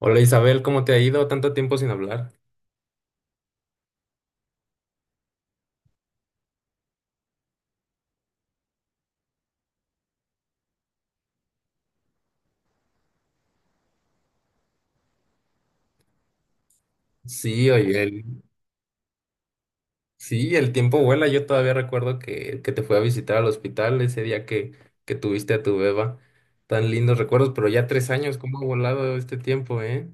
Hola Isabel, ¿cómo te ha ido? Tanto tiempo sin hablar. Sí, oye, sí, el tiempo vuela. Yo todavía recuerdo que te fui a visitar al hospital ese día que tuviste a tu beba. Tan lindos recuerdos, pero ya 3 años, ¿cómo ha volado este tiempo, eh?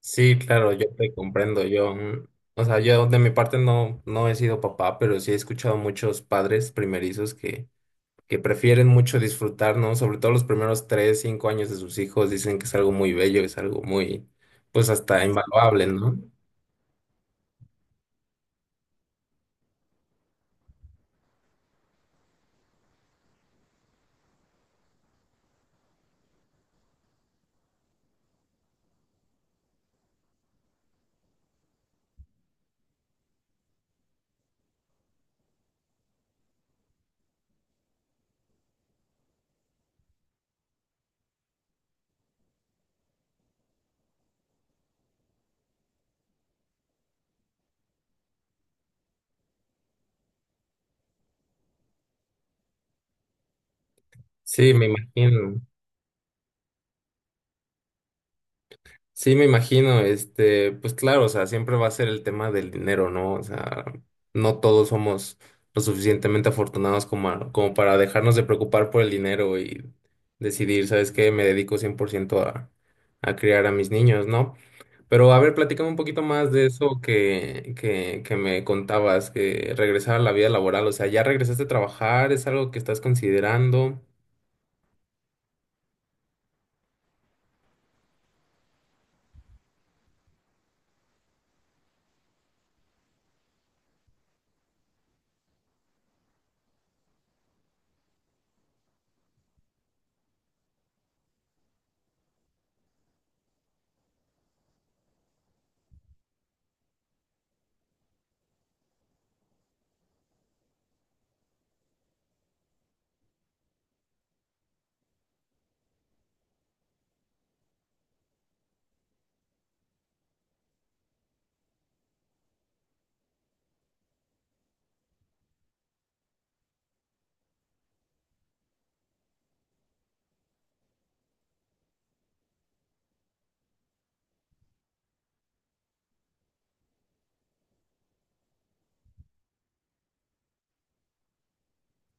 Sí, claro, yo te comprendo. Yo, o sea, yo de mi parte no he sido papá, pero sí he escuchado muchos padres primerizos que prefieren mucho disfrutar, ¿no? Sobre todo los primeros 3, 5 años de sus hijos, dicen que es algo muy bello, es algo muy, pues hasta invaluable, ¿no? Sí, me imagino. Sí, me imagino, este, pues claro, o sea, siempre va a ser el tema del dinero, ¿no? O sea, no todos somos lo suficientemente afortunados como, como para dejarnos de preocupar por el dinero y decidir, ¿sabes qué? Me dedico 100% a criar a mis niños, ¿no? Pero a ver, platícame un poquito más de eso que me contabas, que regresar a la vida laboral, o sea, ¿ya regresaste a trabajar? ¿Es algo que estás considerando?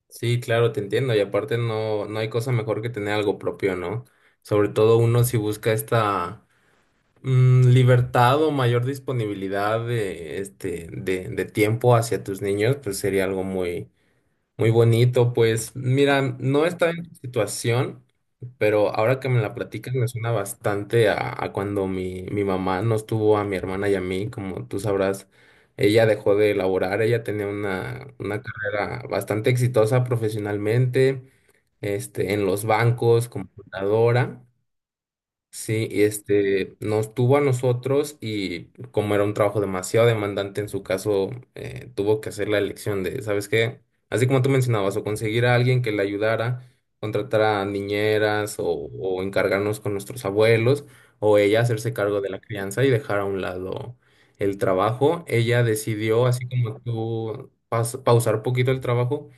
Sí, claro, te entiendo. Y aparte no hay cosa mejor que tener algo propio, ¿no? Sobre todo uno si busca esta libertad o mayor disponibilidad de tiempo hacia tus niños, pues sería algo muy, muy bonito, pues mira, no estaba en tu situación, pero ahora que me la platicas me suena bastante a cuando mi mamá nos tuvo a mi hermana y a mí, como tú sabrás, ella dejó de laborar, ella tenía una carrera bastante exitosa profesionalmente, este, en los bancos, computadora. Sí, y este nos tuvo a nosotros y como era un trabajo demasiado demandante en su caso, tuvo que hacer la elección de, ¿sabes qué? Así como tú mencionabas, o conseguir a alguien que le ayudara, contratar a niñeras o encargarnos con nuestros abuelos, o ella hacerse cargo de la crianza y dejar a un lado el trabajo. Ella decidió, así como tú, pausar un poquito el trabajo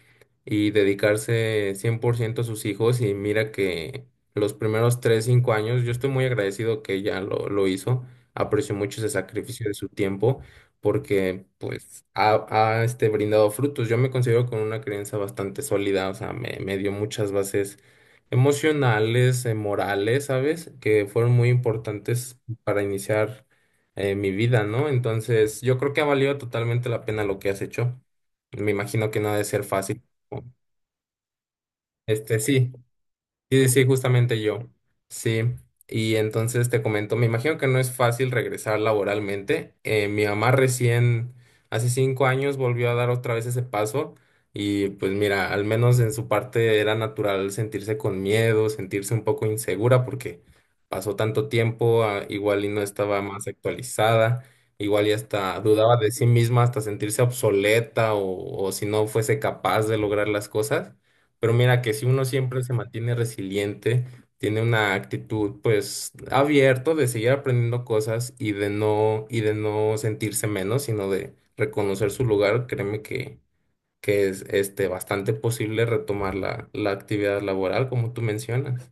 y dedicarse 100% a sus hijos y mira que los primeros 3 a 5 años. Yo estoy muy agradecido que ella lo hizo. Aprecio mucho ese sacrificio de su tiempo porque pues ha brindado frutos. Yo me considero con una creencia bastante sólida, o sea, me dio muchas bases emocionales, morales, ¿sabes? Que fueron muy importantes para iniciar mi vida, ¿no? Entonces, yo creo que ha valido totalmente la pena lo que has hecho. Me imagino que no ha de ser fácil. ¿No? Sí, Sí, sí, justamente yo. Sí. Y entonces te comento, me imagino que no es fácil regresar laboralmente. Mi mamá recién, hace 5 años, volvió a dar otra vez ese paso. Y pues mira, al menos en su parte era natural sentirse con miedo, sentirse un poco insegura porque pasó tanto tiempo, ah, igual y no estaba más actualizada, igual y hasta dudaba de sí misma, hasta sentirse obsoleta o si no fuese capaz de lograr las cosas. Pero mira que si uno siempre se mantiene resiliente, tiene una actitud pues abierto de seguir aprendiendo cosas y de no sentirse menos, sino de reconocer su lugar, créeme que es bastante posible retomar la actividad laboral como tú mencionas.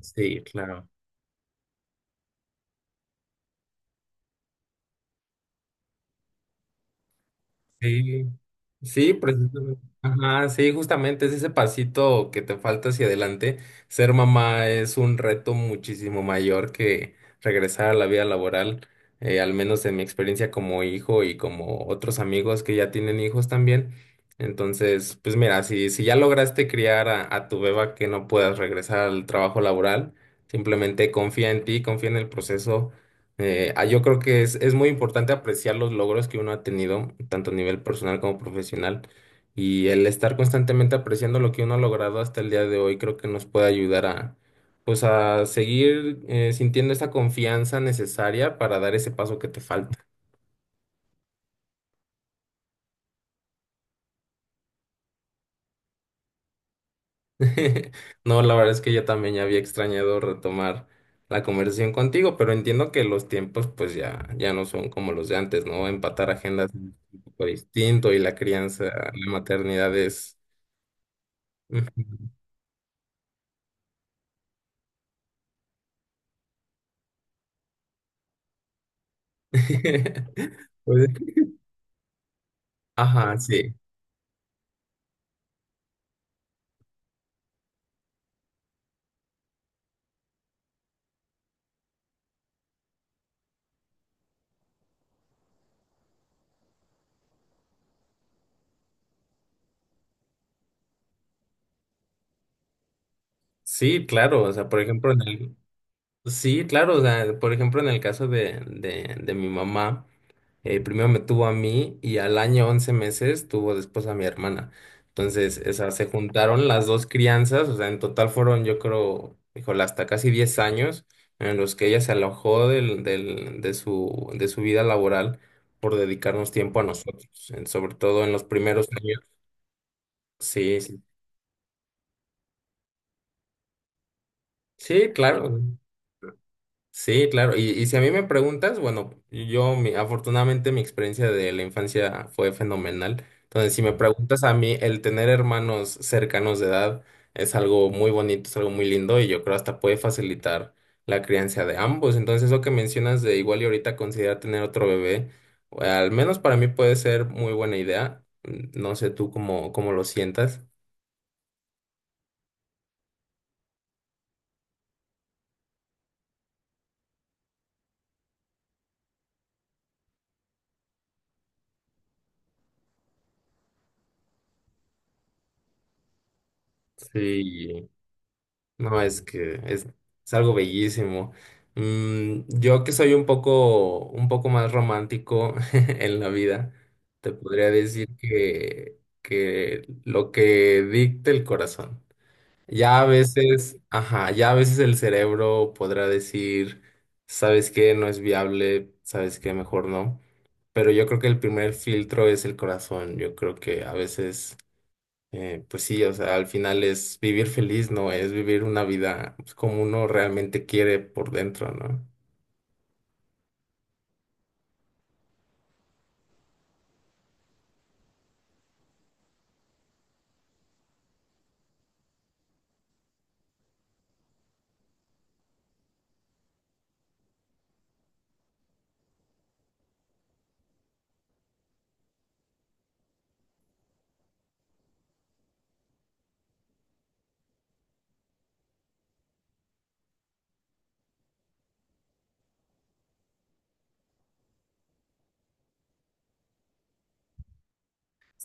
Sí, claro. Sí, sí, precisamente. Ajá, sí, justamente es ese pasito que te falta hacia adelante. Ser mamá es un reto muchísimo mayor que regresar a la vida laboral, al menos en mi experiencia como hijo y como otros amigos que ya tienen hijos también. Entonces, pues mira, si ya lograste criar a tu beba que no puedas regresar al trabajo laboral, simplemente confía en ti, confía en el proceso. Yo creo que es muy importante apreciar los logros que uno ha tenido, tanto a nivel personal como profesional, y el estar constantemente apreciando lo que uno ha logrado hasta el día de hoy, creo que nos puede ayudar a, pues, a seguir sintiendo esa confianza necesaria para dar ese paso que te falta. No, la verdad es que yo también ya había extrañado retomar la conversación contigo, pero entiendo que los tiempos, pues, ya, ya no son como los de antes, ¿no? Empatar agendas es un poco distinto y la crianza, la maternidad es. Ujú. Pues, ajá, sí. Sí, claro, o sea, por ejemplo, en el... Sí, claro, o sea, por ejemplo, en el caso de mi mamá, primero me tuvo a mí y al año 11 meses tuvo después a mi hermana. Entonces, o sea, se juntaron las dos crianzas, o sea, en total fueron, yo creo, híjole, hasta casi 10 años en los que ella se alojó de su vida laboral por dedicarnos tiempo a nosotros, sobre todo en los primeros años. Sí, sí, Sí, claro, sí, claro. Y si a mí me preguntas, bueno, yo afortunadamente mi experiencia de la infancia fue fenomenal. Entonces, si me preguntas a mí, el tener hermanos cercanos de edad es algo muy bonito, es algo muy lindo y yo creo hasta puede facilitar la crianza de ambos. Entonces, eso que mencionas de igual y ahorita considerar tener otro bebé, o al menos para mí puede ser muy buena idea. No sé tú cómo lo sientas. Sí. No, es que es algo bellísimo. Yo que soy un poco más romántico en la vida, te podría decir que lo que dicte el corazón. Ya a veces, ajá, ya a veces el cerebro podrá decir, ¿sabes qué? No es viable, ¿sabes qué? Mejor no. Pero yo creo que el primer filtro es el corazón. Yo creo que a veces pues sí, o sea, al final es vivir feliz, ¿no? Es vivir una vida pues, como uno realmente quiere por dentro, ¿no?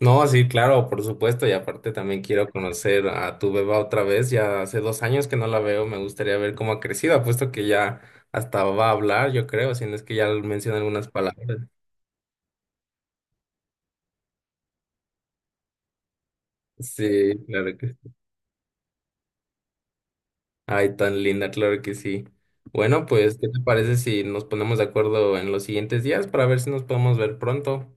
No, sí, claro, por supuesto, y aparte también quiero conocer a tu beba otra vez, ya hace 2 años que no la veo, me gustaría ver cómo ha crecido, apuesto que ya hasta va a hablar, yo creo, si no es que ya menciona algunas palabras. Sí, claro que sí. Ay, tan linda, claro que sí. Bueno, pues, ¿qué te parece si nos ponemos de acuerdo en los siguientes días para ver si nos podemos ver pronto?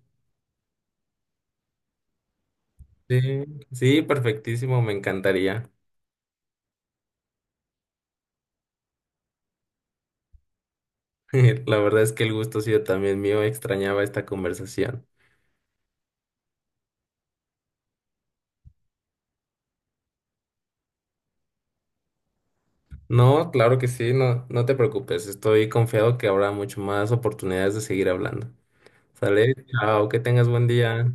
Sí, sí, perfectísimo, me encantaría. La verdad es que el gusto ha sido también mío, extrañaba esta conversación. No, claro que sí, no te preocupes, estoy confiado que habrá mucho más oportunidades de seguir hablando. Sale, chao, que tengas buen día.